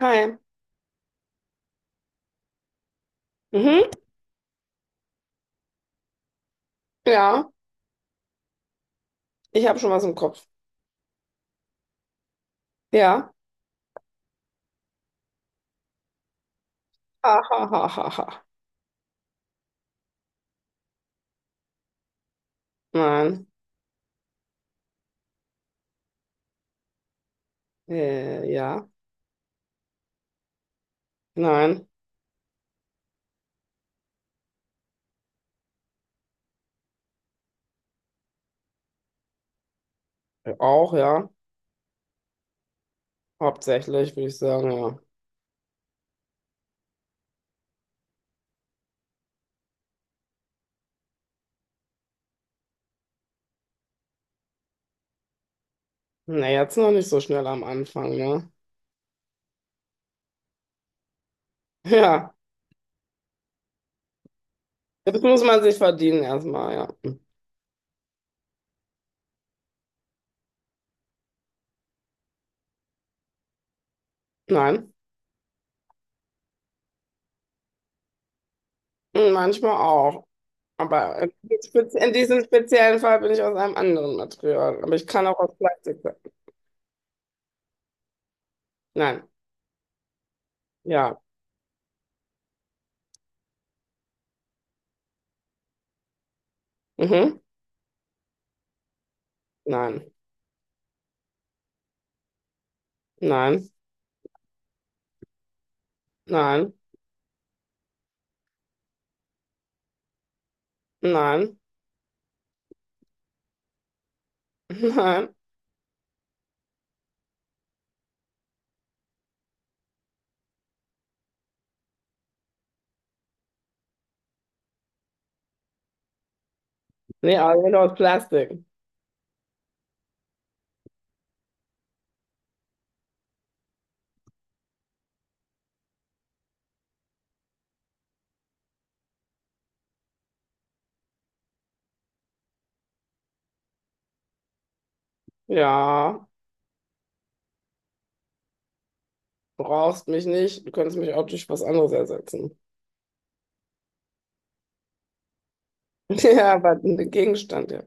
Hi. Mhm. Ja, ich habe schon was im Kopf. Ja. Ha, ha, ha, ha, ha. Nein. Ja. Nein. Auch, ja. Hauptsächlich, würde ich sagen, ja. Na, jetzt noch nicht so schnell am Anfang, ne? Ja. Jetzt muss man sich verdienen erstmal, ja. Nein. Hm, manchmal auch. Aber in diesem speziellen Fall bin ich aus einem anderen Material. Aber ich kann auch aus Plastik sein. Nein. Ja. Mhm. Nein. Nein. Nein. Nein. Nein. Nee, aber genau aus Plastik. Ja, brauchst mich nicht. Du könntest mich auch durch was anderes ersetzen. Ja, aber ein Gegenstand, ja.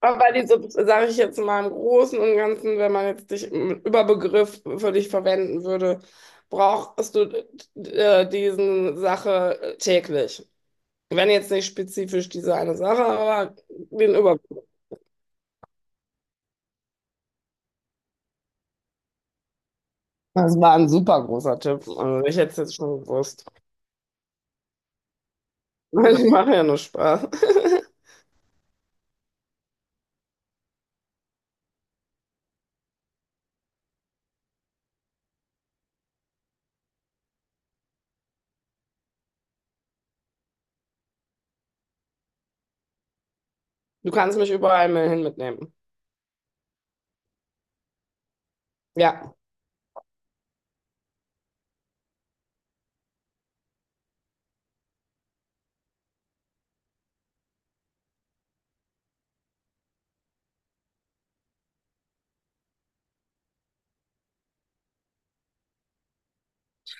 Aber diese, sage ich jetzt mal im Großen und Ganzen, wenn man jetzt dich im Überbegriff für dich verwenden würde, brauchst du diesen Sache täglich. Wenn jetzt nicht spezifisch diese eine Sache, aber den Überbegriff. Das war ein super großer Tipp. Also ich hätte es jetzt schon gewusst. Ich mache ja nur Spaß. Du kannst mich überall hin mitnehmen. Ja.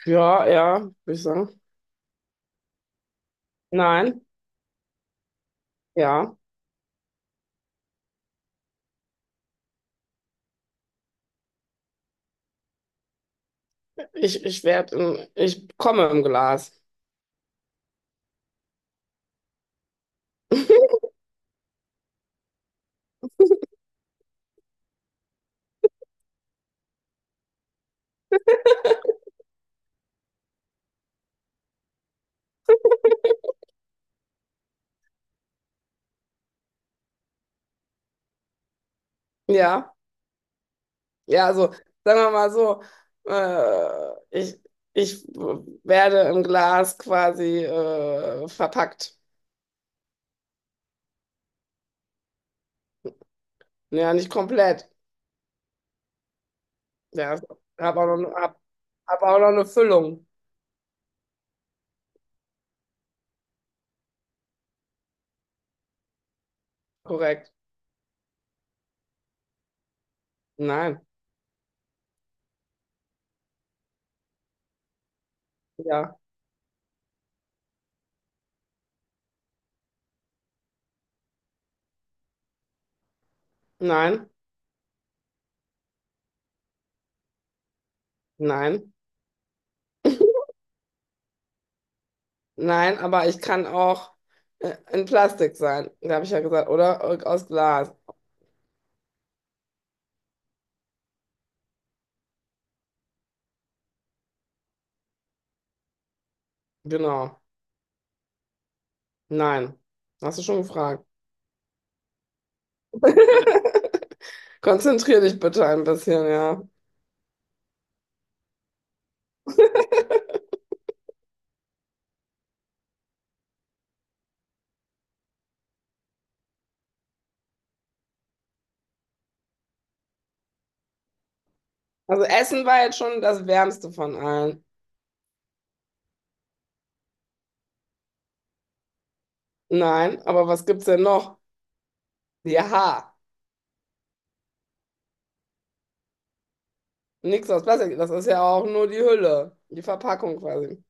Ja, ja, würde ich sagen. Nein, ja. Ich komme im Glas. Ja, ja, also sagen wir mal so, äh, ich, ich werde im Glas quasi verpackt. Ja, nicht komplett. Ja, habe auch noch, hab, hab auch noch eine Füllung. Korrekt. Nein, ja, nein, nein, nein, aber ich kann auch in Plastik sein. Da habe ich ja gesagt, oder? Aus Glas. Genau. Nein, hast du schon gefragt. Konzentrier dich bitte ein bisschen, ja. Also Essen war jetzt schon das Wärmste von allen. Nein, aber was gibt's denn noch? Ja, nichts aus Plastik. Das ist ja auch nur die Hülle, die Verpackung quasi.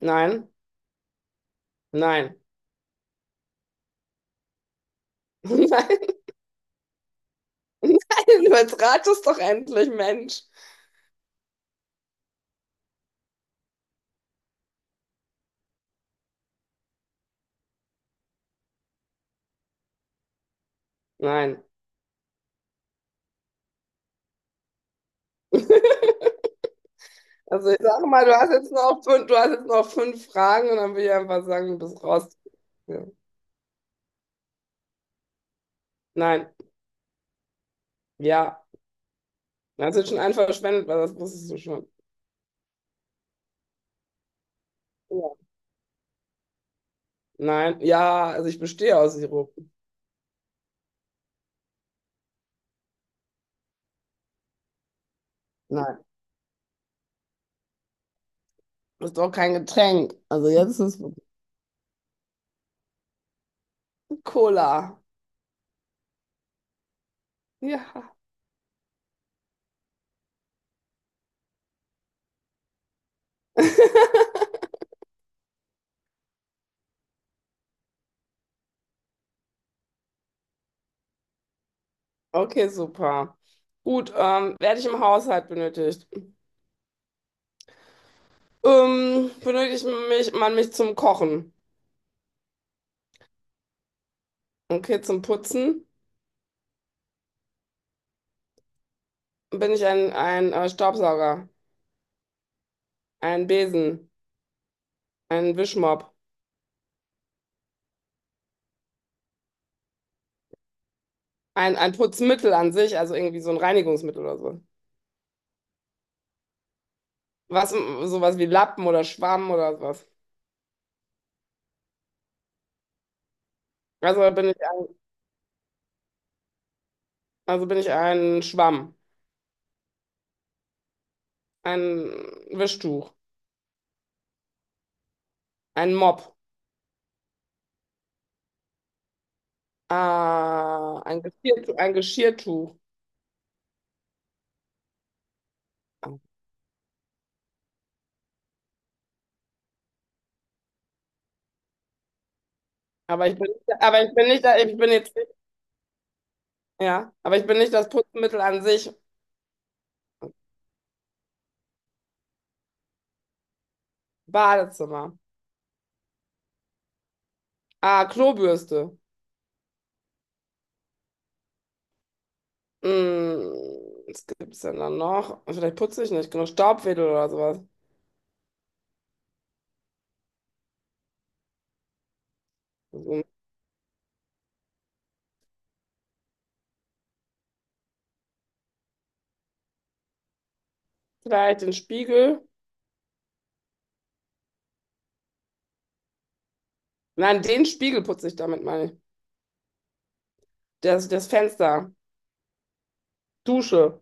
Nein, nein, nein, nein. Du jetzt ratest doch endlich, Mensch. Nein. Also ich sag mal, du hast jetzt noch fünf Fragen und dann will ich einfach sagen, du bist raus. Ja. Nein, ja. Das ist schon ein verschwendet, weil das wusstest du schon. Ja. Nein, ja, also ich bestehe aus Sirup. Nein, das ist doch kein Getränk. Also jetzt ist es Cola. Ja. Okay, super. Gut, werde ich im Haushalt benötigt? Man mich zum Kochen? Okay, zum Putzen bin ich ein Staubsauger, ein Besen, ein Wischmopp, ein Putzmittel an sich, also irgendwie so ein Reinigungsmittel oder so. Was, sowas wie Lappen oder Schwamm oder was. Also bin ich ein, also bin ich ein Schwamm, ein Wischtuch, ein Mopp, ein Geschirrtuch. Aber ich bin, aber ich bin nicht, ich bin jetzt nicht, ja, aber ich bin nicht das Putzmittel an sich. Badezimmer. Ah, Klobürste. Hm, was gibt's denn dann noch? Vielleicht putze ich nicht genug. Staubwedel oder sowas. Hm, vielleicht den Spiegel. Nein, den Spiegel putze ich damit, meine ich. Das Fenster. Dusche.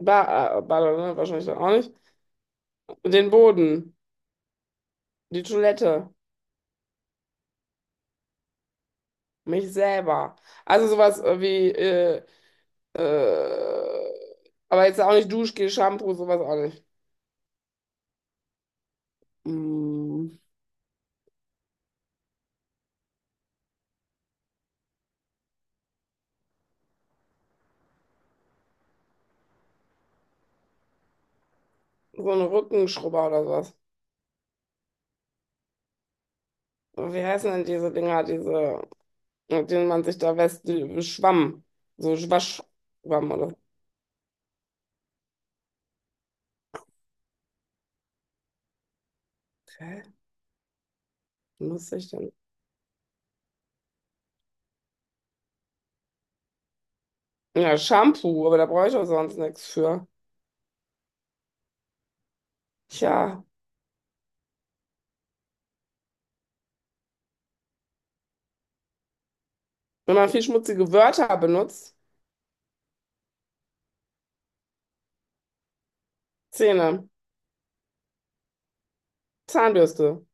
Ba Bade, ne? Wahrscheinlich dann auch nicht. Den Boden, die Toilette, mich selber. Also sowas äh, aber jetzt auch nicht Duschgel, Shampoo, sowas auch nicht. Mm, so ein Rückenschrubber oder sowas. Wie heißen denn diese Dinger, diese, mit denen man sich da wäscht, die- Schwamm, so Waschschwamm oder so. Okay, muss ich denn? Ja, Shampoo, aber da brauche ich auch sonst nichts für. Tja, wenn man viel schmutzige Wörter benutzt, Zähne, Zahnbürste.